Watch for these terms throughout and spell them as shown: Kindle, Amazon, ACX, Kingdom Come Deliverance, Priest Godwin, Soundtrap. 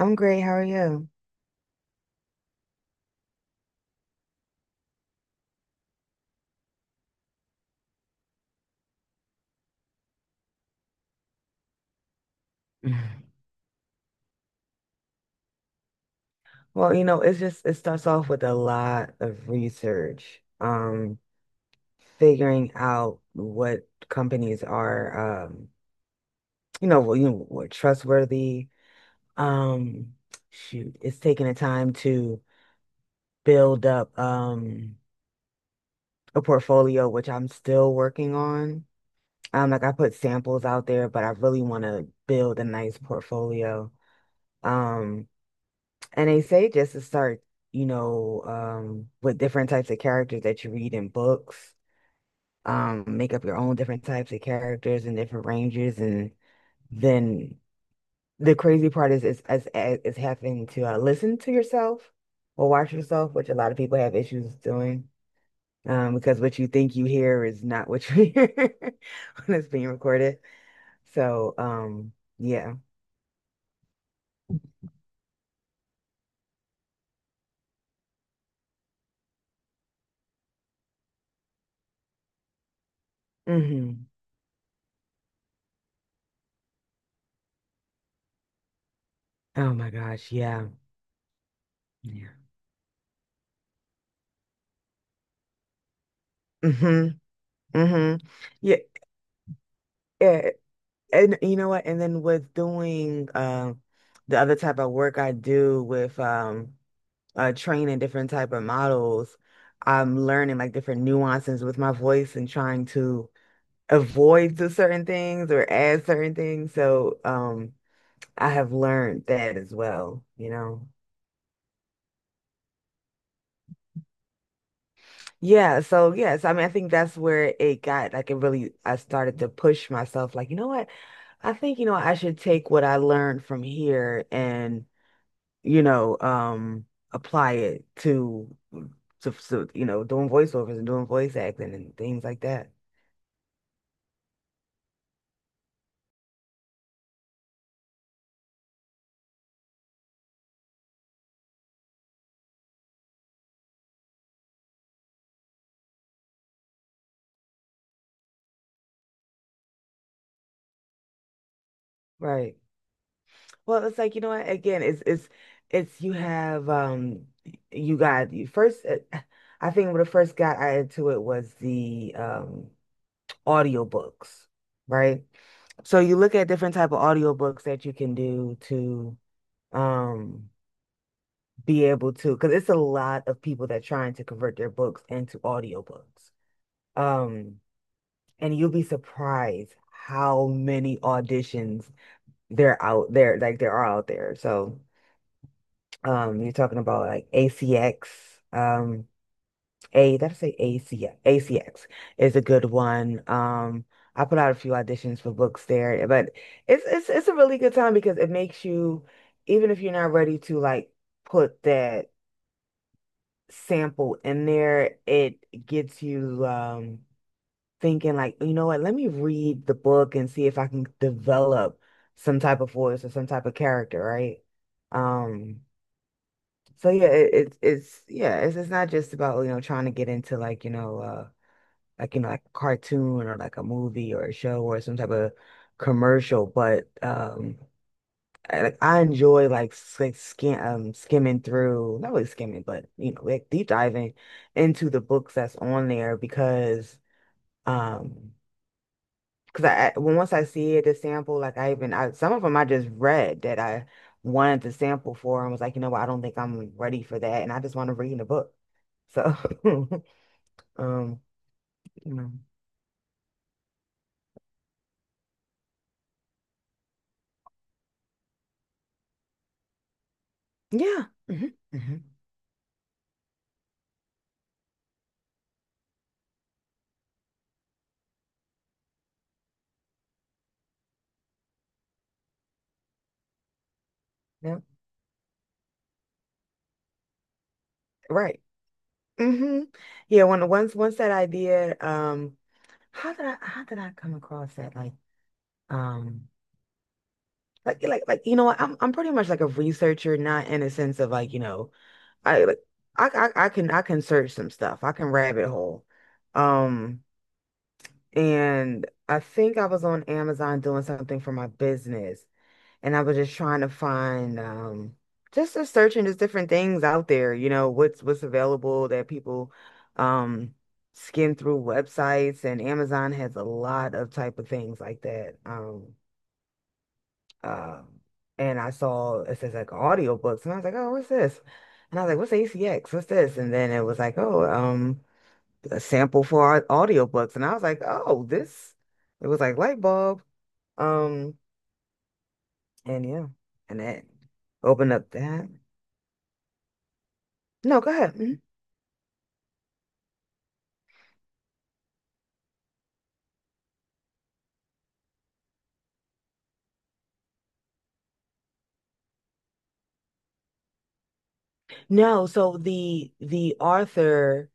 I'm great. How are you? Well, you know, it's just it starts off with a lot of research, figuring out what companies are, you know, well, what trustworthy. Um, Shoot, it's taking the time to build up a portfolio, which I'm still working on. Like, I put samples out there, but I really want to build a nice portfolio. Um, And they say just to start, you know, with different types of characters that you read in books, make up your own different types of characters and different ranges. And then the crazy part is having to listen to yourself or watch yourself, which a lot of people have issues doing, because what you think you hear is not what you hear when it's being recorded. So, yeah. Hmm. Oh my gosh. Yeah. Yeah. Hmm. Hmm. Yeah. Yeah. And you know what? And then with doing the other type of work I do with training different type of models, I'm learning like different nuances with my voice and trying to avoid the certain things or add certain things. So I have learned that as well, you know. Yeah, so yes, I mean I think that's where it got like it really I started to push myself like, you know what? I think, you know, I should take what I learned from here and you know, um, apply it to, you know, doing voiceovers and doing voice acting and things like that. Right. Well, it's like, you know what? Again, it's you have you got you first I think when I first got added to it was the audiobooks, right? So you look at different type of audiobooks that you can do to um be able to because it's a lot of people that trying to convert their books into audiobooks. Um And you'll be surprised how many auditions there out there, like there are out there. So, you're talking about like ACX, um, A, did I say ACX? ACX is a good one. I put out a few auditions for books there, but it's a really good time because it makes you, even if you're not ready to like put that sample in there, it gets you thinking like, you know what, let me read the book and see if I can develop some type of voice or some type of character, right? Um, so yeah, it's yeah, it's not just about, you know, trying to get into like, you know, like a cartoon or like a movie or a show or some type of commercial, but I, like I enjoy like skimming through, not really skimming, but you know, like deep diving into the books that's on there um Because I when once I see it, the sample, like some of them I just read that I wanted to sample for and was like, you know what, I don't think I'm ready for that, and I just want to read in a book. So, um, you know, yeah, hmm hmm yeah, right, hmm yeah. When once that idea, how did I come across that? Like, um, you know what, I'm pretty much like a researcher, not in a sense of like you know I like I, I can search some stuff. I can rabbit hole. Um, and I think I was on Amazon doing something for my business, and I was just trying to find just searching just different things out there, you know, what's available that people um skim through websites, and Amazon has a lot of type of things like that. Um, and I saw it says like audiobooks, and I was like, oh, what's this? And I was like, what's ACX? What's this? And then it was like, oh, a sample for our audiobooks. And I was like, oh, this. It was like light bulb. Um, and yeah, and that opened up that. No, go ahead. Mhm. No, so the author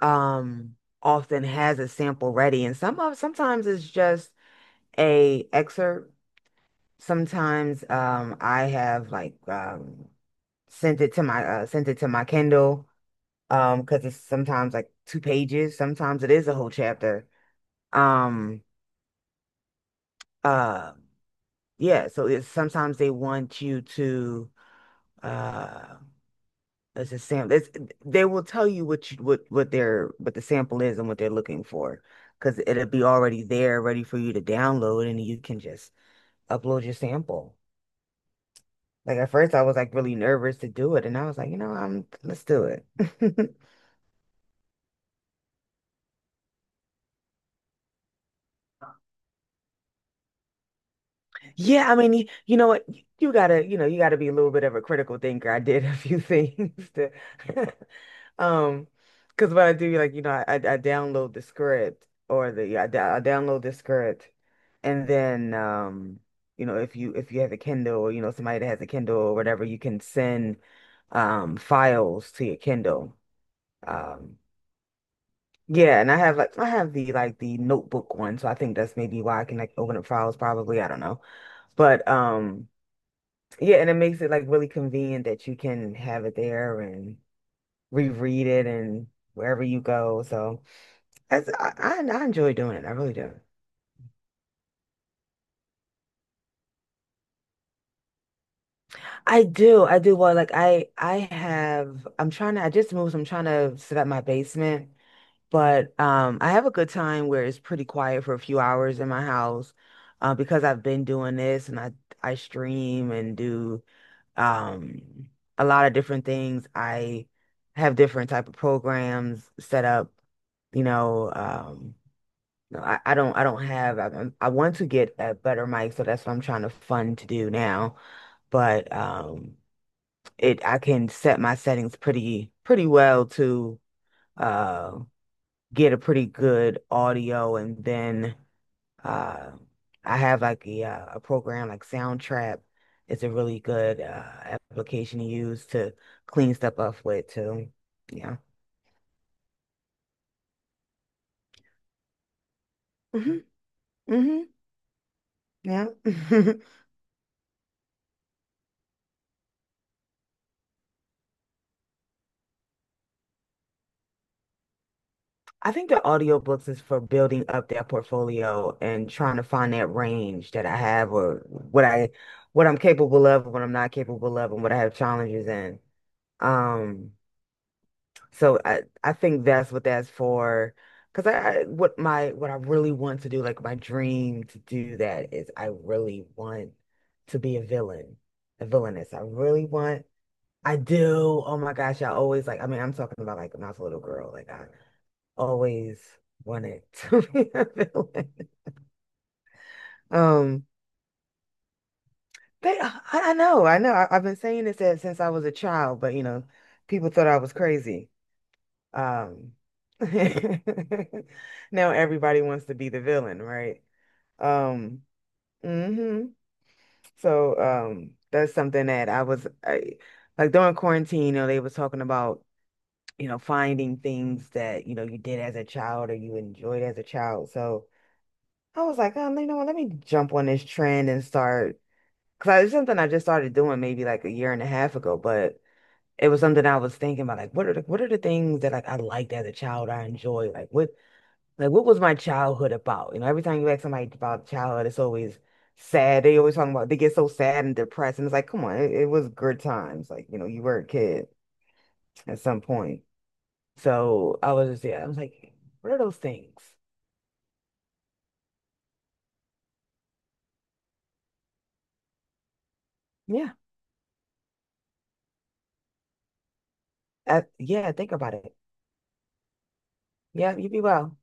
um often has a sample ready, and sometimes it's just a excerpt. Sometimes I have like sent it to my sent it to my Kindle because it's sometimes like two pages, sometimes it is a whole chapter um uh yeah, so it's sometimes they want you to uh it's a sample it's, they will tell you what the sample is and what they're looking for, because it'll be already there ready for you to download and you can just upload your sample. Like at first I was like really nervous to do it, and I was like, you know, I'm let's do it. Yeah, I mean, you know what? You gotta be a little bit of a critical thinker. I did a few things to, um, because what I do, like, you know, I download the script or the yeah, I, d- I download the script, and then, you know, if you have a Kindle or you know somebody that has a Kindle or whatever, you can send, files to your Kindle. Um, yeah, and I have the notebook one, so I think that's maybe why I can like open up files probably. I don't know, but. Yeah, and it makes it like really convenient that you can have it there and reread it, and wherever you go. So that's, I enjoy doing it. I really do. I do. I do. Well, like I just moved. So I'm trying to set up my basement, but I have a good time where it's pretty quiet for a few hours in my house, because I've been doing this and I stream and do um a lot of different things. I have different type of programs set up, you know, no, I don't have. I want to get a better mic, so that's what I'm trying to fund to do now. But it I can set my settings pretty well to uh get a pretty good audio, and then uh, I have like a program like Soundtrap. It's a really good application to use to clean stuff up with too. Yeah. Hmm. Hmm. Yeah. I think the audiobooks is for building up that portfolio and trying to find that range that I have, or what I'm capable of, what I'm not capable of, and what I have challenges in. Um, So I think that's what that's for. Because I what I really want to do, like my dream to do that is I really want to be a villain, a villainess. I really want. I do. Oh my gosh, I always like. I mean, I'm talking about like when I was a little girl. Like I always wanted to be a villain. Um, they. I know. I know. I've been saying this since I was a child, but you know, people thought I was crazy. Um, Now everybody wants to be the villain, right? Um, hmm So, that's something that I was like during quarantine, you know, they was talking about, finding things that, you did as a child or you enjoyed as a child. So I was like, you know what, let me jump on this trend and start, because it's something I just started doing maybe like a year and a half ago, but it was something I was thinking about, like what are the things that like I liked as a child. I enjoyed. Like, what was my childhood about? You know, every time you ask somebody about childhood, it's always sad. They always talking about they get so sad and depressed, and it's like, come on, it was good times. Like, you know, you were a kid at some point. So I was just, yeah, I was like, what are those things? Yeah, yeah, think about it. Yeah, you be well.